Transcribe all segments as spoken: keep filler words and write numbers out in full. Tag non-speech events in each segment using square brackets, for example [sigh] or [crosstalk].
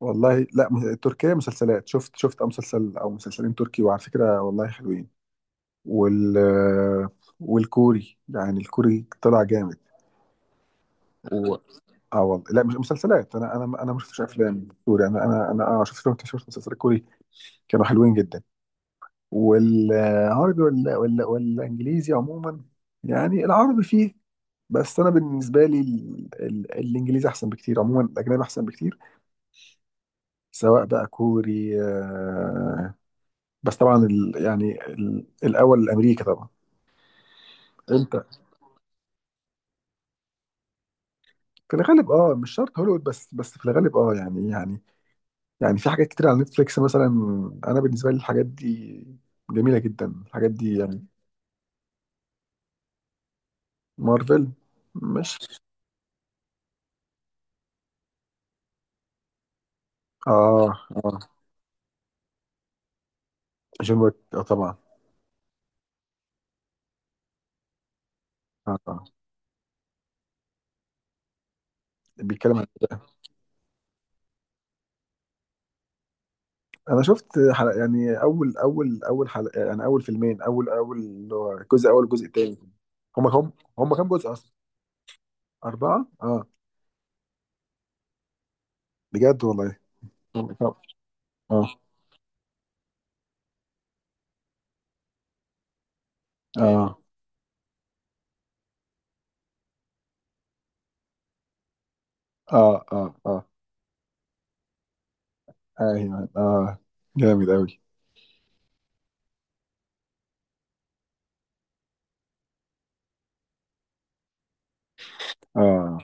والله لا، م- تركيا مسلسلات، شفت شفت مسلسل او مسلسلين تركي، وعلى فكره والله حلوين. وال والكوري، يعني الكوري طلع جامد. و... اه والله لا مش مسلسلات، انا انا انا ما شفتش افلام كوري، انا انا انا اه شفت شفت شفت مسلسلات كوري. كانوا حلوين جدا. والعربي ولا ولا والانجليزي عموما، يعني العربي فيه، بس انا بالنسبه لي ال... ال... الانجليزي احسن بكتير، عموما الاجنبي احسن بكتير، سواء بقى كوري، آه، بس طبعا ال... يعني ال... الاول الامريكي طبعا. انت في الغالب اه، مش شرط هوليوود، بس بس في الغالب اه يعني يعني يعني في حاجات كتير على نتفليكس مثلا. انا بالنسبه لي الحاجات دي جميله جدا الحاجات دي يعني. مارفل. مش اه. اه جون ويك اه طبعا. اه طبعا. بيتكلم عن ده. انا شفت حلقة، يعني اول اول اول حلقه، يعني اول فيلمين، اول اول اللي هو الجزء الاول والجزء الثاني. هم هم هم كام جزء اصلا؟ اربعه اه. بجد والله؟ هم كام؟ اه اه اه. اه اه. ايوه اه. جامد اوي. اه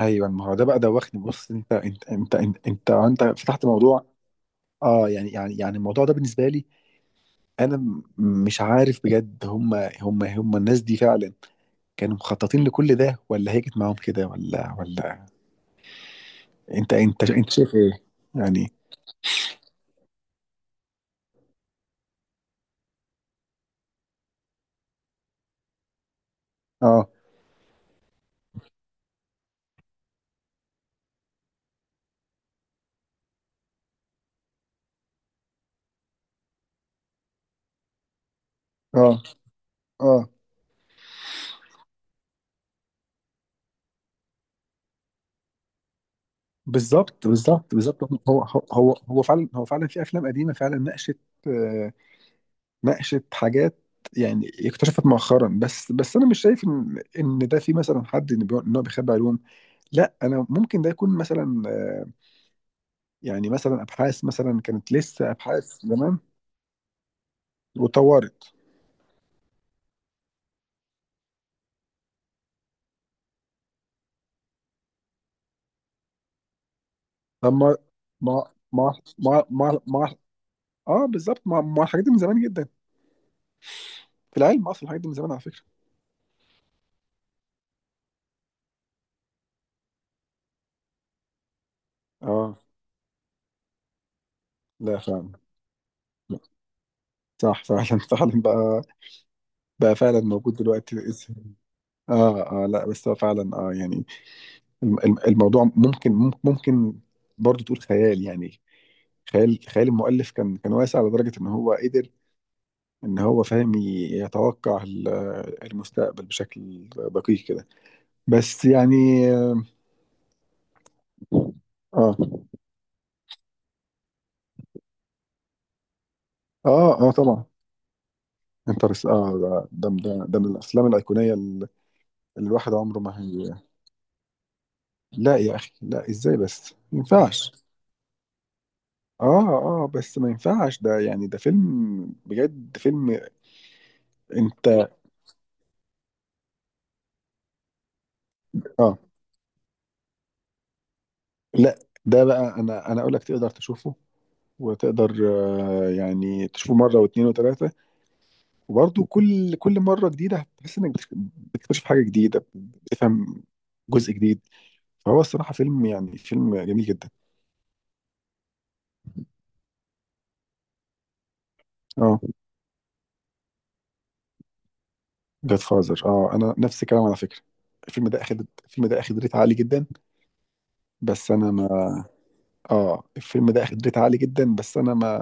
ايوه. ما هو ده بقى دوخني. بص، انت انت انت انت انت, آه، انت فتحت موضوع. اه يعني يعني يعني الموضوع ده بالنسبه لي انا، م- مش عارف بجد. هم هم هم الناس دي فعلا كانوا مخططين لكل ده، ولا هي كانت معاهم كده، ولا ولا؟ انت انت انت شايف ايه يعني؟ اه اه اه. بالظبط بالظبط بالظبط. هو هو هو هو فعلا، هو فعلا في افلام قديمه فعلا ناقشت، آه، ناقشت حاجات، يعني اكتشفت مؤخرا. بس بس انا مش شايف ان ان ده في مثلا حد ان بيقول- إن هو بيخبي علوم. لا، انا ممكن ده يكون مثلا، آه، يعني مثلا ابحاث، مثلا كانت لسه ابحاث زمان واتطورت. طب ما ما ما ما ما ما- اه بالظبط. ما ما الحاجات دي من زمان جدا، في العلم اصلا الحاجات دي من زمان على فكره. اه. لا فعلا. لا. صح فعلا [laughs] فعلا بقى. بقى فعلا موجود دلوقتي. اه اه. لا بس هو فعلا اه يعني، الم- الم- الموضوع ممكن مم- ممكن برضو تقول خيال، يعني خيال، خيال المؤلف كان كان واسع لدرجة ان هو قدر، ان هو فاهم ي- يتوقع ال- المستقبل بشكل دقيق كده، بس يعني. اه اه اه طبعا. انترس اه ده ده ده ده من الافلام الايقونية اللي الواحد عمره ما هي. لا يا اخي لا، ازاي بس؟ ما ينفعش. اه اه. بس ما ينفعش ده، يعني ده فيلم، بجد فيلم. انت اه. لا ده بقى انا انا اقول لك تقدر تشوفه، وتقدر آه، يعني تشوفه مره واثنين وثلاثه، وبرضه كل كل مره جديده هتحس انك بتكتشف، بتكتشف حاجه جديده، بتفهم جزء جديد. فهو الصراحه فيلم، يعني فيلم جميل جدا. اه. جاد فازر اه، انا نفس الكلام على فكره. الفيلم ده اخد، الفيلم ده اخد ريت عالي جدا، بس انا ما، اه الفيلم ده اخد ريت عالي جدا، بس انا ما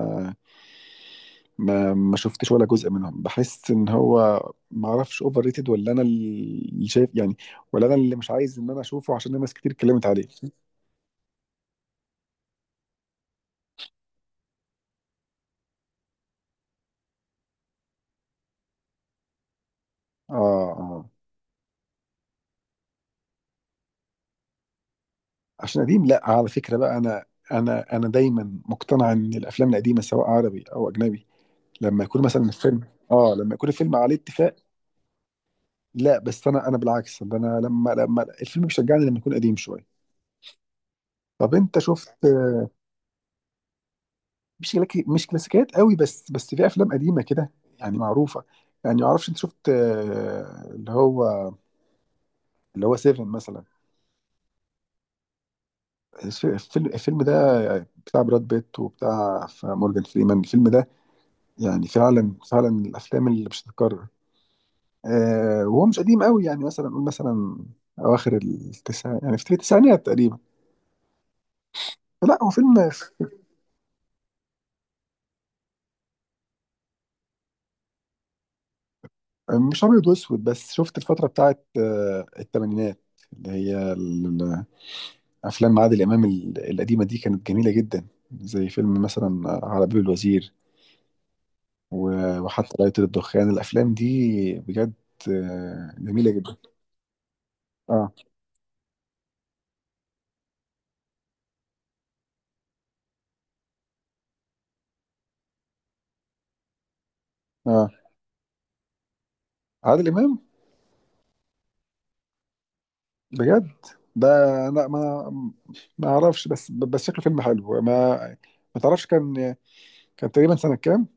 ما ما شفتش ولا جزء منهم. بحس ان هو، ما اعرفش، اوفر ريتد، ولا انا اللي شايف يعني، ولا انا اللي مش عايز ان انا اشوفه عشان ناس كتير اتكلمت عليه. اه اه. عشان قديم؟ لا على فكره بقى، انا انا انا دايما مقتنع ان الافلام القديمه سواء عربي او اجنبي لما يكون مثلا الفيلم، اه، لما يكون الفيلم عليه اتفاق. لا بس انا، انا بالعكس، ده انا لما، لما الفيلم بيشجعني لما يكون قديم شويه. طب انت شفت، مش كلاك- مش كلاسيكيات قوي، بس بس في افلام قديمه كده يعني معروفه. يعني ما اعرفش، انت شفت آه، اللي هو، اللي هو سيفن مثلا؟ الف- الفيلم، الفيلم ده بتاع براد بيت وبتاع مورجان فريمان، الفيلم ده يعني فعلا، فعلا من الافلام اللي مش هتتكرر. آه، وهو مش قديم قوي، يعني مثلا نقول مثلا اواخر التسع، يعني في التسعينات تقريبا. لا هو فيلم. مش ابيض واسود، بس شفت الفتره بتاعت آه، الثمانينات اللي هي افلام عادل امام ال- القديمه دي، كانت جميله جدا، زي فيلم مثلا على باب الوزير، و- وحتى لا يطير الدخان. الافلام دي بجد، آه، جميله جدا. اه اه. عادل امام. بجد. ده لا ما، ما اعرفش، بس بس شكله فيلم حلو. ما، ما تعرفش كان، كان تقريبا سنه كام؟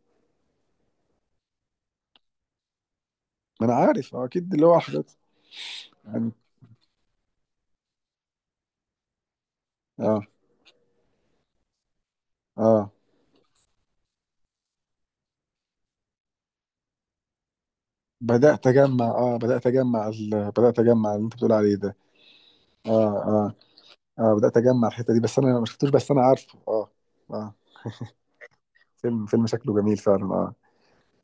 ما انا عارف، آه، اكيد اللي هو حاجات يعني. اه اه. بدات اجمع اه بدات اجمع ال- بدات اجمع اللي انت بتقول عليه ده. اه اه اه. بدأت اجمع الحتة دي، بس انا ما شفتوش، بس انا عارفه اه. اه. فيلم، فيلم شكله جميل فعلا اه.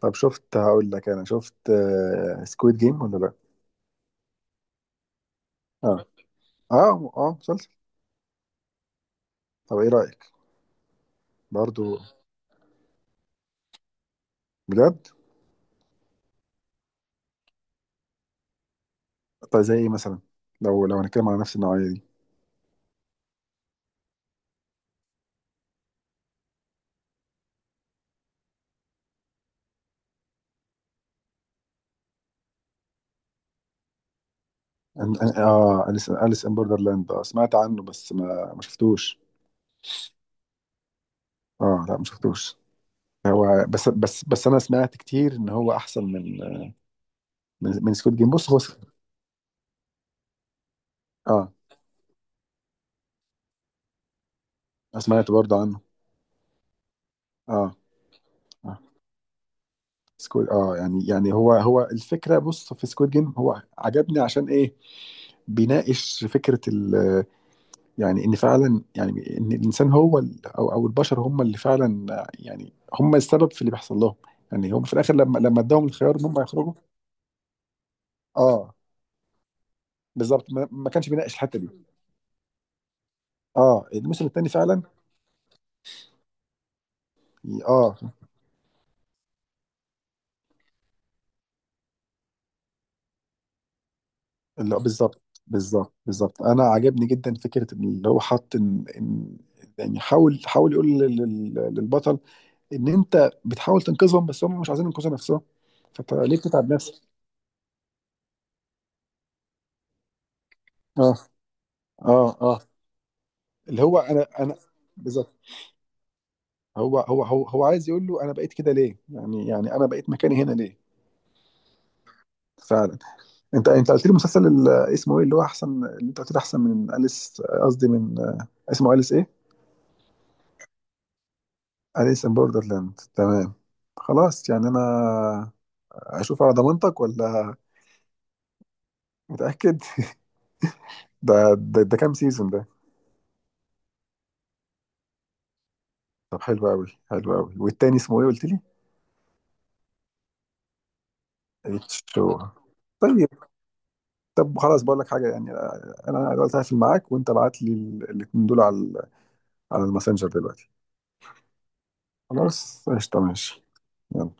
طب شفت، هقول لك، انا شفت آه سكويد جيم ولا لا؟ اه اه. اه مسلسل. طب ايه رأيك؟ برضو؟ بجد؟ طب زي ايه مثلا؟ لو لو هنتكلم على نفس النوعية دي. أن- أن- اه أليس، أليس ان بوردرلاند اه سمعت عنه بس ما ما شفتوش. اه لا ما شفتوش. هو بس بس بس انا سمعت كتير ان هو احسن من، من, من سكويد جيم. بص هو س- اه، سمعت برضو عنه. اه. آه. سكويد اه، يعني يعني هو هو الفكره. بص، في سكويد جيم هو عجبني عشان ايه؟ بيناقش فكره ال، يعني ان فعلا، يعني ان الانسان هو ال- او او البشر هم اللي فعلا، يعني هم السبب في اللي بيحصل لهم، يعني هم في الاخر لما، لما اداهم الخيار ان هم يخرجوا. اه بالظبط، ما, ما كانش بيناقش الحته دي. اه الموسم الثاني فعلا. اه اللي هو بالظبط، بالظبط بالظبط، انا عجبني جدا فكره اللي هو حط ان, إن، يعني حاول حاول يقول لل- لل- للبطل ان انت بتحاول تنقذهم بس هم مش عايزين ينقذوا نفسهم، فانت ليه بتتعب نفسك؟ اه اه اه. اللي هو انا، انا بالظبط. هو هو هو هو عايز يقول له انا بقيت كده ليه؟ يعني يعني انا بقيت مكاني هنا ليه؟ فعلا. انت انت قلت لي مسلسل ال- اسمه ايه؟ اللي هو احسن، اللي انت قلت لي احسن من اليس، قصدي من، آه، اسمه اليس ايه؟ اليس ان بوردرلاند، تمام. خلاص يعني انا اشوف على ضمانتك ولا؟ متاكد؟ ده، ده, ده كام سيزون؟ ده طب حلو قوي، حلو قوي. والتاني اسمه ايه قلت لي؟ اتش هو. طيب. طب خلاص بقول لك حاجه يعني، انا دلوقتي هقفل معاك وانت ابعت لي ال- الاتنين دول على ال- على الماسنجر دلوقتي. خلاص قشطه، ماشي. يلا.